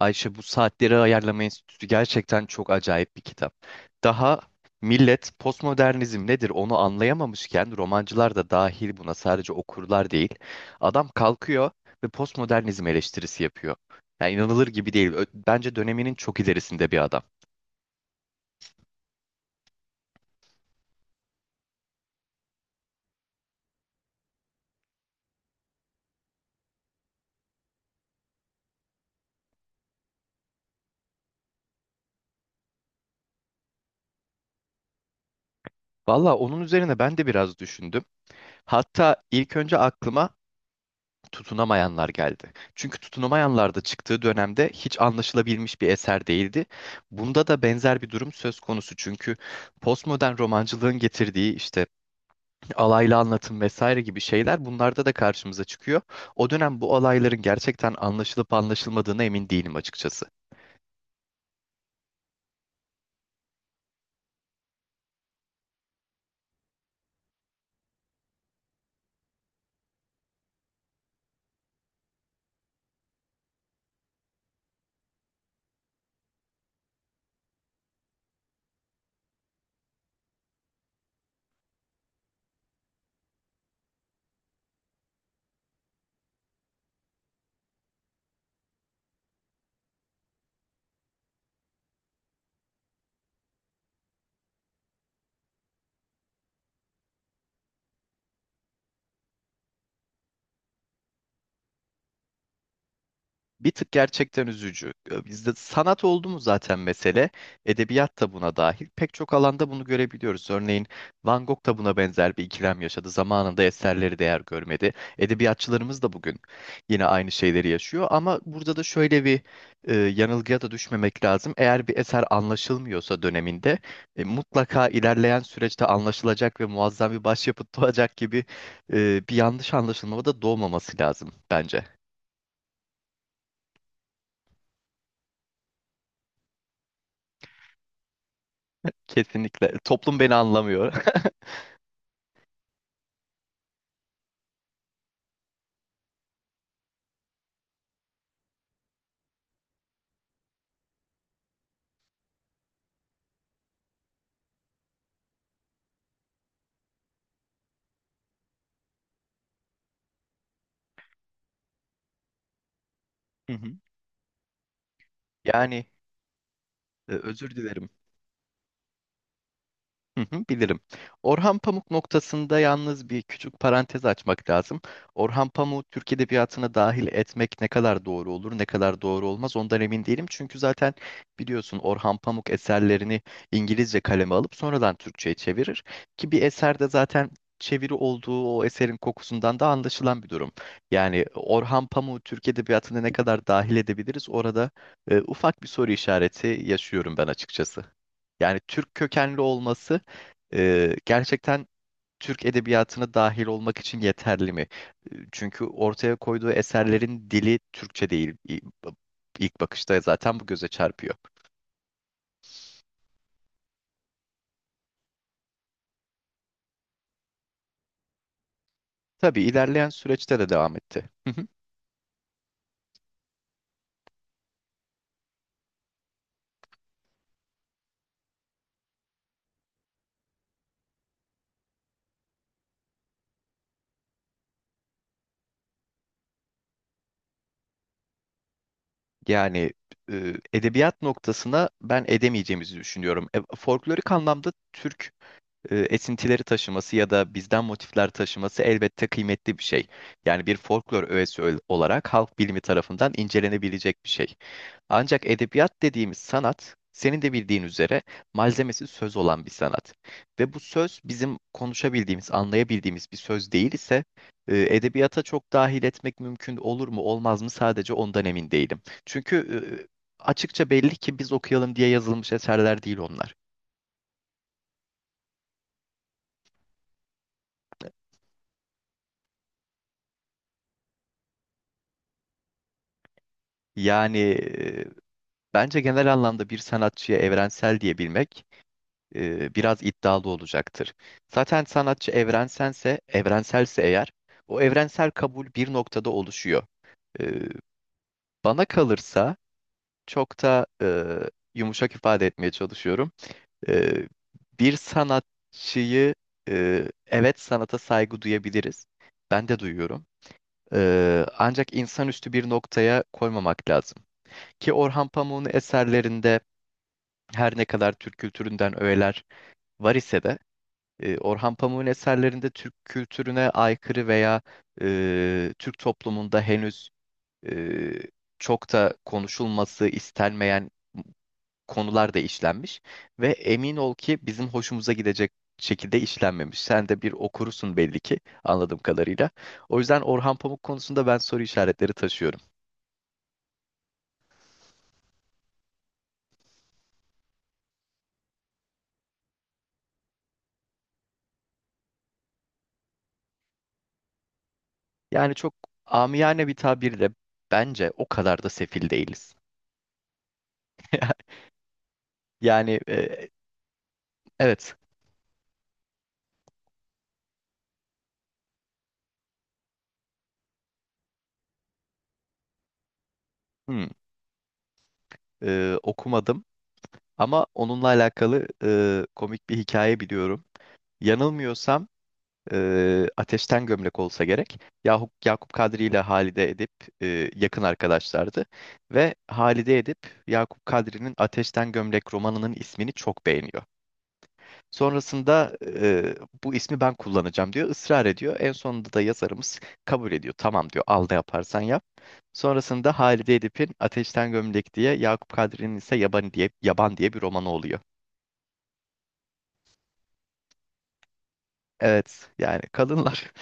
Ayşe bu saatleri ayarlama enstitüsü gerçekten çok acayip bir kitap. Daha millet postmodernizm nedir onu anlayamamışken romancılar da dahil buna sadece okurlar değil. Adam kalkıyor ve postmodernizm eleştirisi yapıyor. Yani inanılır gibi değil. Bence döneminin çok ilerisinde bir adam. Valla onun üzerine ben de biraz düşündüm. Hatta ilk önce aklıma tutunamayanlar geldi. Çünkü tutunamayanlar da çıktığı dönemde hiç anlaşılabilmiş bir eser değildi. Bunda da benzer bir durum söz konusu. Çünkü postmodern romancılığın getirdiği işte alaylı anlatım vesaire gibi şeyler bunlarda da karşımıza çıkıyor. O dönem bu alayların gerçekten anlaşılıp anlaşılmadığına emin değilim açıkçası. Bir tık gerçekten üzücü. Bizde sanat oldu mu zaten mesele, edebiyat da buna dahil. Pek çok alanda bunu görebiliyoruz. Örneğin Van Gogh da buna benzer bir ikilem yaşadı. Zamanında eserleri değer görmedi. Edebiyatçılarımız da bugün yine aynı şeyleri yaşıyor. Ama burada da şöyle bir yanılgıya da düşmemek lazım. Eğer bir eser anlaşılmıyorsa döneminde mutlaka ilerleyen süreçte anlaşılacak ve muazzam bir başyapıt doğacak gibi bir yanlış anlaşılma da doğmaması lazım bence. Kesinlikle. Toplum beni anlamıyor. Hı hı. Yani özür dilerim. Hı hı, bilirim. Orhan Pamuk noktasında yalnız bir küçük parantez açmak lazım. Orhan Pamuk'u Türk edebiyatına dahil etmek ne kadar doğru olur, ne kadar doğru olmaz ondan emin değilim. Çünkü zaten biliyorsun Orhan Pamuk eserlerini İngilizce kaleme alıp sonradan Türkçe'ye çevirir. Ki bir eserde zaten çeviri olduğu o eserin kokusundan da anlaşılan bir durum. Yani Orhan Pamuk'u Türk edebiyatına ne kadar dahil edebiliriz orada ufak bir soru işareti yaşıyorum ben açıkçası. Yani Türk kökenli olması gerçekten Türk edebiyatına dahil olmak için yeterli mi? Çünkü ortaya koyduğu eserlerin dili Türkçe değil. İlk bakışta zaten bu göze çarpıyor. Tabii ilerleyen süreçte de devam etti. Hı hı. Yani edebiyat noktasına ben edemeyeceğimizi düşünüyorum. Folklorik anlamda Türk esintileri taşıması ya da bizden motifler taşıması elbette kıymetli bir şey. Yani bir folklor öğesi olarak halk bilimi tarafından incelenebilecek bir şey. Ancak edebiyat dediğimiz sanat, senin de bildiğin üzere malzemesi söz olan bir sanat. Ve bu söz bizim konuşabildiğimiz, anlayabildiğimiz bir söz değil ise edebiyata çok dahil etmek mümkün olur mu, olmaz mı sadece ondan emin değilim. Çünkü e, açıkça belli ki biz okuyalım diye yazılmış eserler değil onlar. Yani Bence genel anlamda bir sanatçıya evrensel diyebilmek biraz iddialı olacaktır. Zaten sanatçı evrenselse eğer, o evrensel kabul bir noktada oluşuyor. E, Bana kalırsa çok da yumuşak ifade etmeye çalışıyorum. E, Bir sanatçıyı evet sanata saygı duyabiliriz. Ben de duyuyorum. Ancak insanüstü bir noktaya koymamak lazım. Ki Orhan Pamuk'un eserlerinde her ne kadar Türk kültüründen öğeler var ise de Orhan Pamuk'un eserlerinde Türk kültürüne aykırı veya Türk toplumunda henüz e, çok da konuşulması istenmeyen konular da işlenmiş ve emin ol ki bizim hoşumuza gidecek şekilde işlenmemiş. Sen de bir okurusun belli ki anladığım kadarıyla. O yüzden Orhan Pamuk konusunda ben soru işaretleri taşıyorum. Yani çok amiyane bir tabirle bence o kadar da sefil değiliz. Yani Evet. Hmm. Okumadım ama onunla alakalı komik bir hikaye biliyorum. Yanılmıyorsam Ateşten Gömlek olsa gerek. Yakup Kadri ile Halide Edip yakın arkadaşlardı. Ve Halide Edip Yakup Kadri'nin Ateşten Gömlek romanının ismini çok beğeniyor. Sonrasında bu ismi ben kullanacağım diyor. Israr ediyor. En sonunda da yazarımız kabul ediyor. Tamam diyor al ne yaparsan yap. Sonrasında Halide Edip'in Ateşten Gömlek diye Yakup Kadri'nin ise Yaban diye bir romanı oluyor. Evet yani kadınlar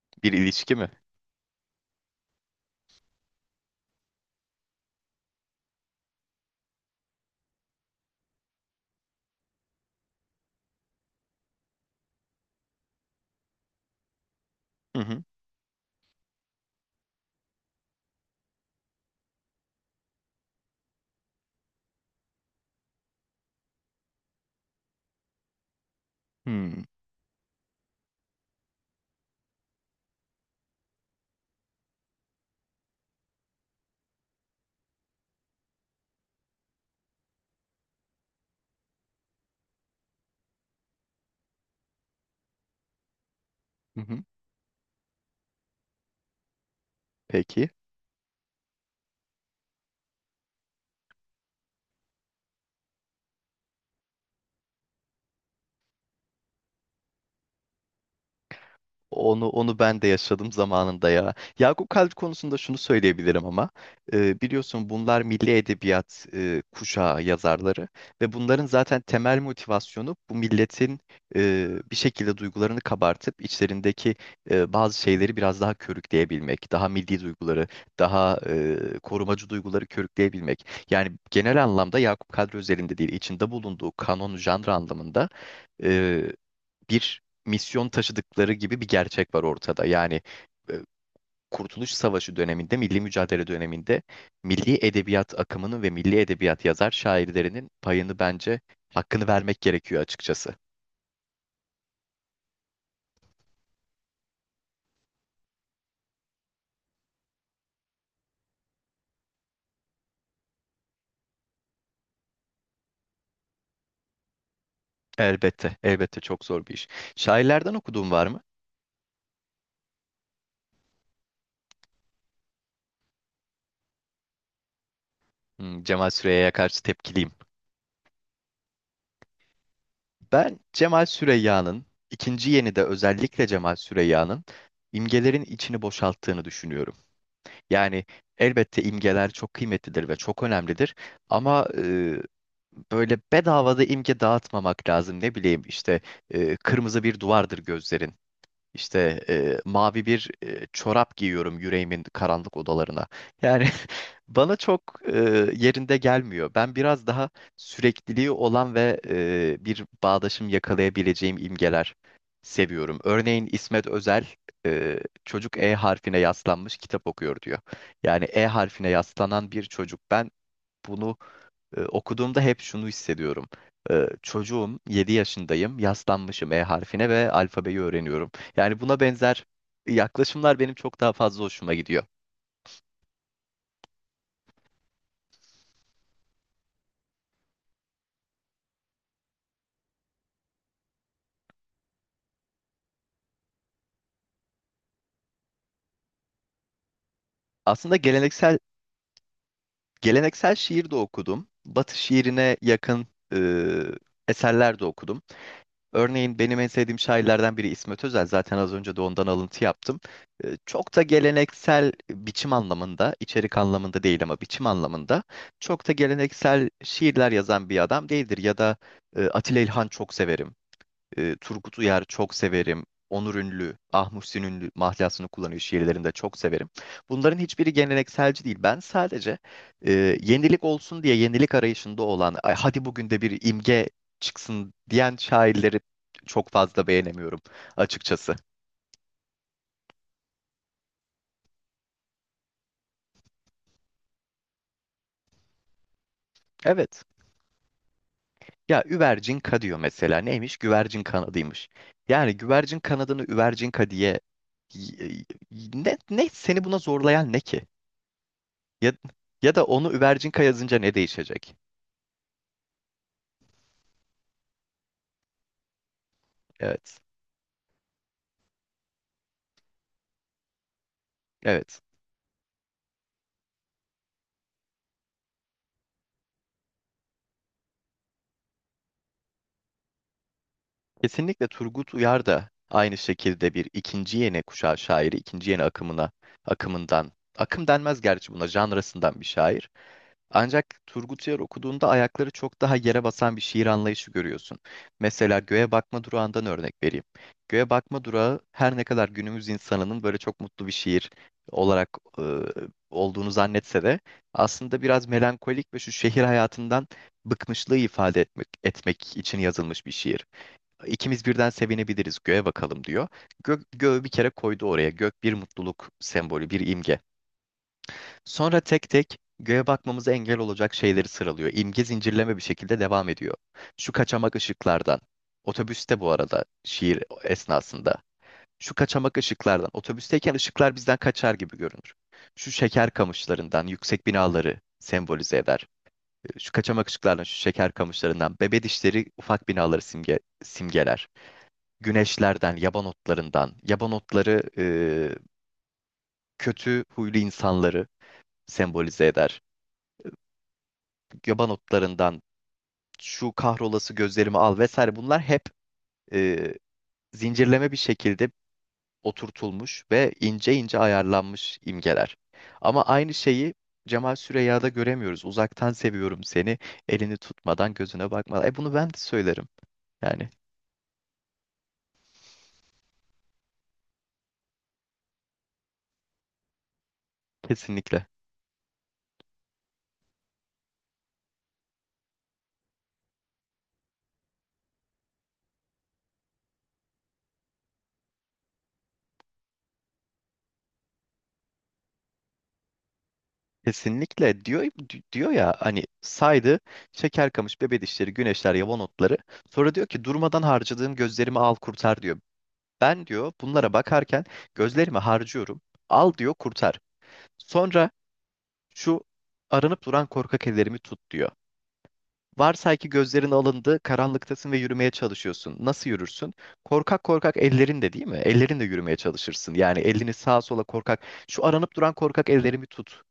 bir ilişki mi? Hı hı. Hmm, hı hı. Peki. Onu ben de yaşadım zamanında ya. Yakup Kadri konusunda şunu söyleyebilirim ama biliyorsun bunlar milli edebiyat kuşağı yazarları ve bunların zaten temel motivasyonu bu milletin bir şekilde duygularını kabartıp içlerindeki bazı şeyleri biraz daha körükleyebilmek, daha milli duyguları, daha korumacı duyguları körükleyebilmek. Yani genel anlamda Yakup Kadri özelinde değil, içinde bulunduğu kanon, janr anlamında bir misyon taşıdıkları gibi bir gerçek var ortada. Yani e, Kurtuluş Savaşı döneminde, milli mücadele döneminde milli edebiyat akımının ve milli edebiyat yazar şairlerinin payını bence hakkını vermek gerekiyor açıkçası. Elbette, elbette çok zor bir iş. Şairlerden okuduğum var mı? Cemal Süreyya'ya karşı tepkiliyim. Ben Cemal Süreyya'nın, ikinci yenide özellikle Cemal Süreyya'nın imgelerin içini boşalttığını düşünüyorum. Yani elbette imgeler çok kıymetlidir ve çok önemlidir ama böyle bedavada imge dağıtmamak lazım. Ne bileyim işte kırmızı bir duvardır gözlerin. İşte mavi bir çorap giyiyorum yüreğimin karanlık odalarına. Yani bana çok e, yerinde gelmiyor. Ben biraz daha sürekliliği olan ve bir bağdaşım yakalayabileceğim imgeler seviyorum. Örneğin İsmet Özel e, çocuk E harfine yaslanmış kitap okuyor diyor. Yani E harfine yaslanan bir çocuk. Ben bunu okuduğumda hep şunu hissediyorum. Çocuğum, 7 yaşındayım, yaslanmışım E harfine ve alfabeyi öğreniyorum. Yani buna benzer yaklaşımlar benim çok daha fazla hoşuma gidiyor. Aslında geleneksel şiir de okudum. Batı şiirine yakın e, eserler de okudum. Örneğin benim en sevdiğim şairlerden biri İsmet Özel. Zaten az önce de ondan alıntı yaptım. Çok da geleneksel biçim anlamında, içerik anlamında değil ama biçim anlamında çok da geleneksel şiirler yazan bir adam değildir. Ya da Atilla İlhan çok severim. Turgut Uyar çok severim. Onur Ünlü, Ah Muhsin Ünlü mahlasını kullanıyor şiirlerinde çok severim. Bunların hiçbiri gelenekselci değil. Ben sadece e, yenilik olsun diye yenilik arayışında olan, "Ay, hadi bugün de bir imge çıksın diyen şairleri çok fazla beğenemiyorum açıkçası. Evet. Ya üvercinka diyor mesela. Neymiş? Güvercin kanadıymış. Yani güvercin kanadını üvercinka diye y- ne seni buna zorlayan ne ki? Ya, ya da onu Üvercinkaya yazınca ne değişecek? Evet. Evet. Kesinlikle Turgut Uyar da aynı şekilde bir ikinci yeni kuşağı şairi, ikinci yeni akımına, akımından, akım denmez gerçi buna, janrasından bir şair. Ancak Turgut Uyar okuduğunda ayakları çok daha yere basan bir şiir anlayışı görüyorsun. Mesela Göğe Bakma Durağı'ndan örnek vereyim. Göğe Bakma Durağı her ne kadar günümüz insanının böyle çok mutlu bir şiir olarak olduğunu zannetse de aslında biraz melankolik ve şu şehir hayatından bıkmışlığı ifade etmek için yazılmış bir şiir. İkimiz birden sevinebiliriz göğe bakalım diyor. Gök, göğü bir kere koydu oraya. Gök bir mutluluk sembolü, bir imge. Sonra tek tek göğe bakmamıza engel olacak şeyleri sıralıyor. İmge zincirleme bir şekilde devam ediyor. Şu kaçamak ışıklardan. Otobüste bu arada şiir esnasında. Şu kaçamak ışıklardan. Otobüsteyken ışıklar bizden kaçar gibi görünür. Şu şeker kamışlarından yüksek binaları sembolize eder. Şu kaçamak ışıklardan, şu şeker kamışlarından, bebe dişleri ufak binaları simgeler. Güneşlerden, yaban otlarından, yaban otları kötü huylu insanları sembolize eder göba notlarından şu kahrolası gözlerimi al vesaire bunlar hep e, zincirleme bir şekilde oturtulmuş ve ince ince ayarlanmış imgeler. Ama aynı şeyi Cemal Süreyya'da göremiyoruz. Uzaktan seviyorum seni, elini tutmadan gözüne bakmadan. Bunu ben de söylerim. Yani kesinlikle. Kesinlikle diyor diyor ya hani saydı şeker kamış bebe dişleri güneşler yava notları sonra diyor ki durmadan harcadığım gözlerimi al kurtar diyor. Ben diyor bunlara bakarken gözlerimi harcıyorum. Al diyor kurtar. Sonra şu aranıp duran korkak ellerimi tut diyor. Varsay ki gözlerin alındı, karanlıktasın ve yürümeye çalışıyorsun. Nasıl yürürsün? Korkak korkak ellerin de değil mi? Ellerin de yürümeye çalışırsın. Yani elini sağa sola korkak. Şu aranıp duran korkak ellerimi tut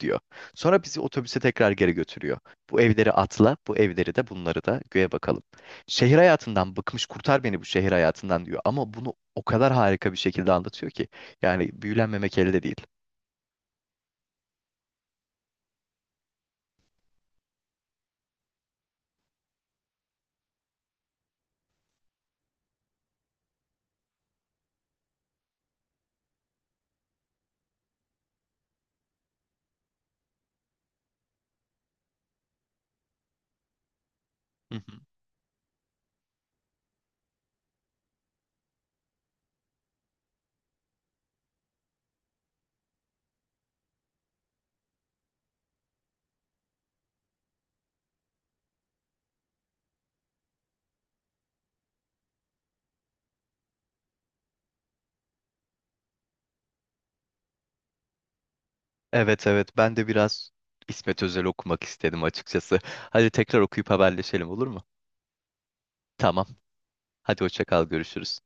diyor. Sonra bizi otobüse tekrar geri götürüyor. Bu evleri atla, bu evleri de bunları da göğe bakalım. Şehir hayatından bıkmış kurtar beni bu şehir hayatından diyor. Ama bunu o kadar harika bir şekilde anlatıyor ki. Yani büyülenmemek elde değil. Hı hı. Evet, evet, ben de biraz İsmet Özel okumak istedim açıkçası. Hadi tekrar okuyup haberleşelim olur mu? Tamam. Hadi hoşça kal görüşürüz.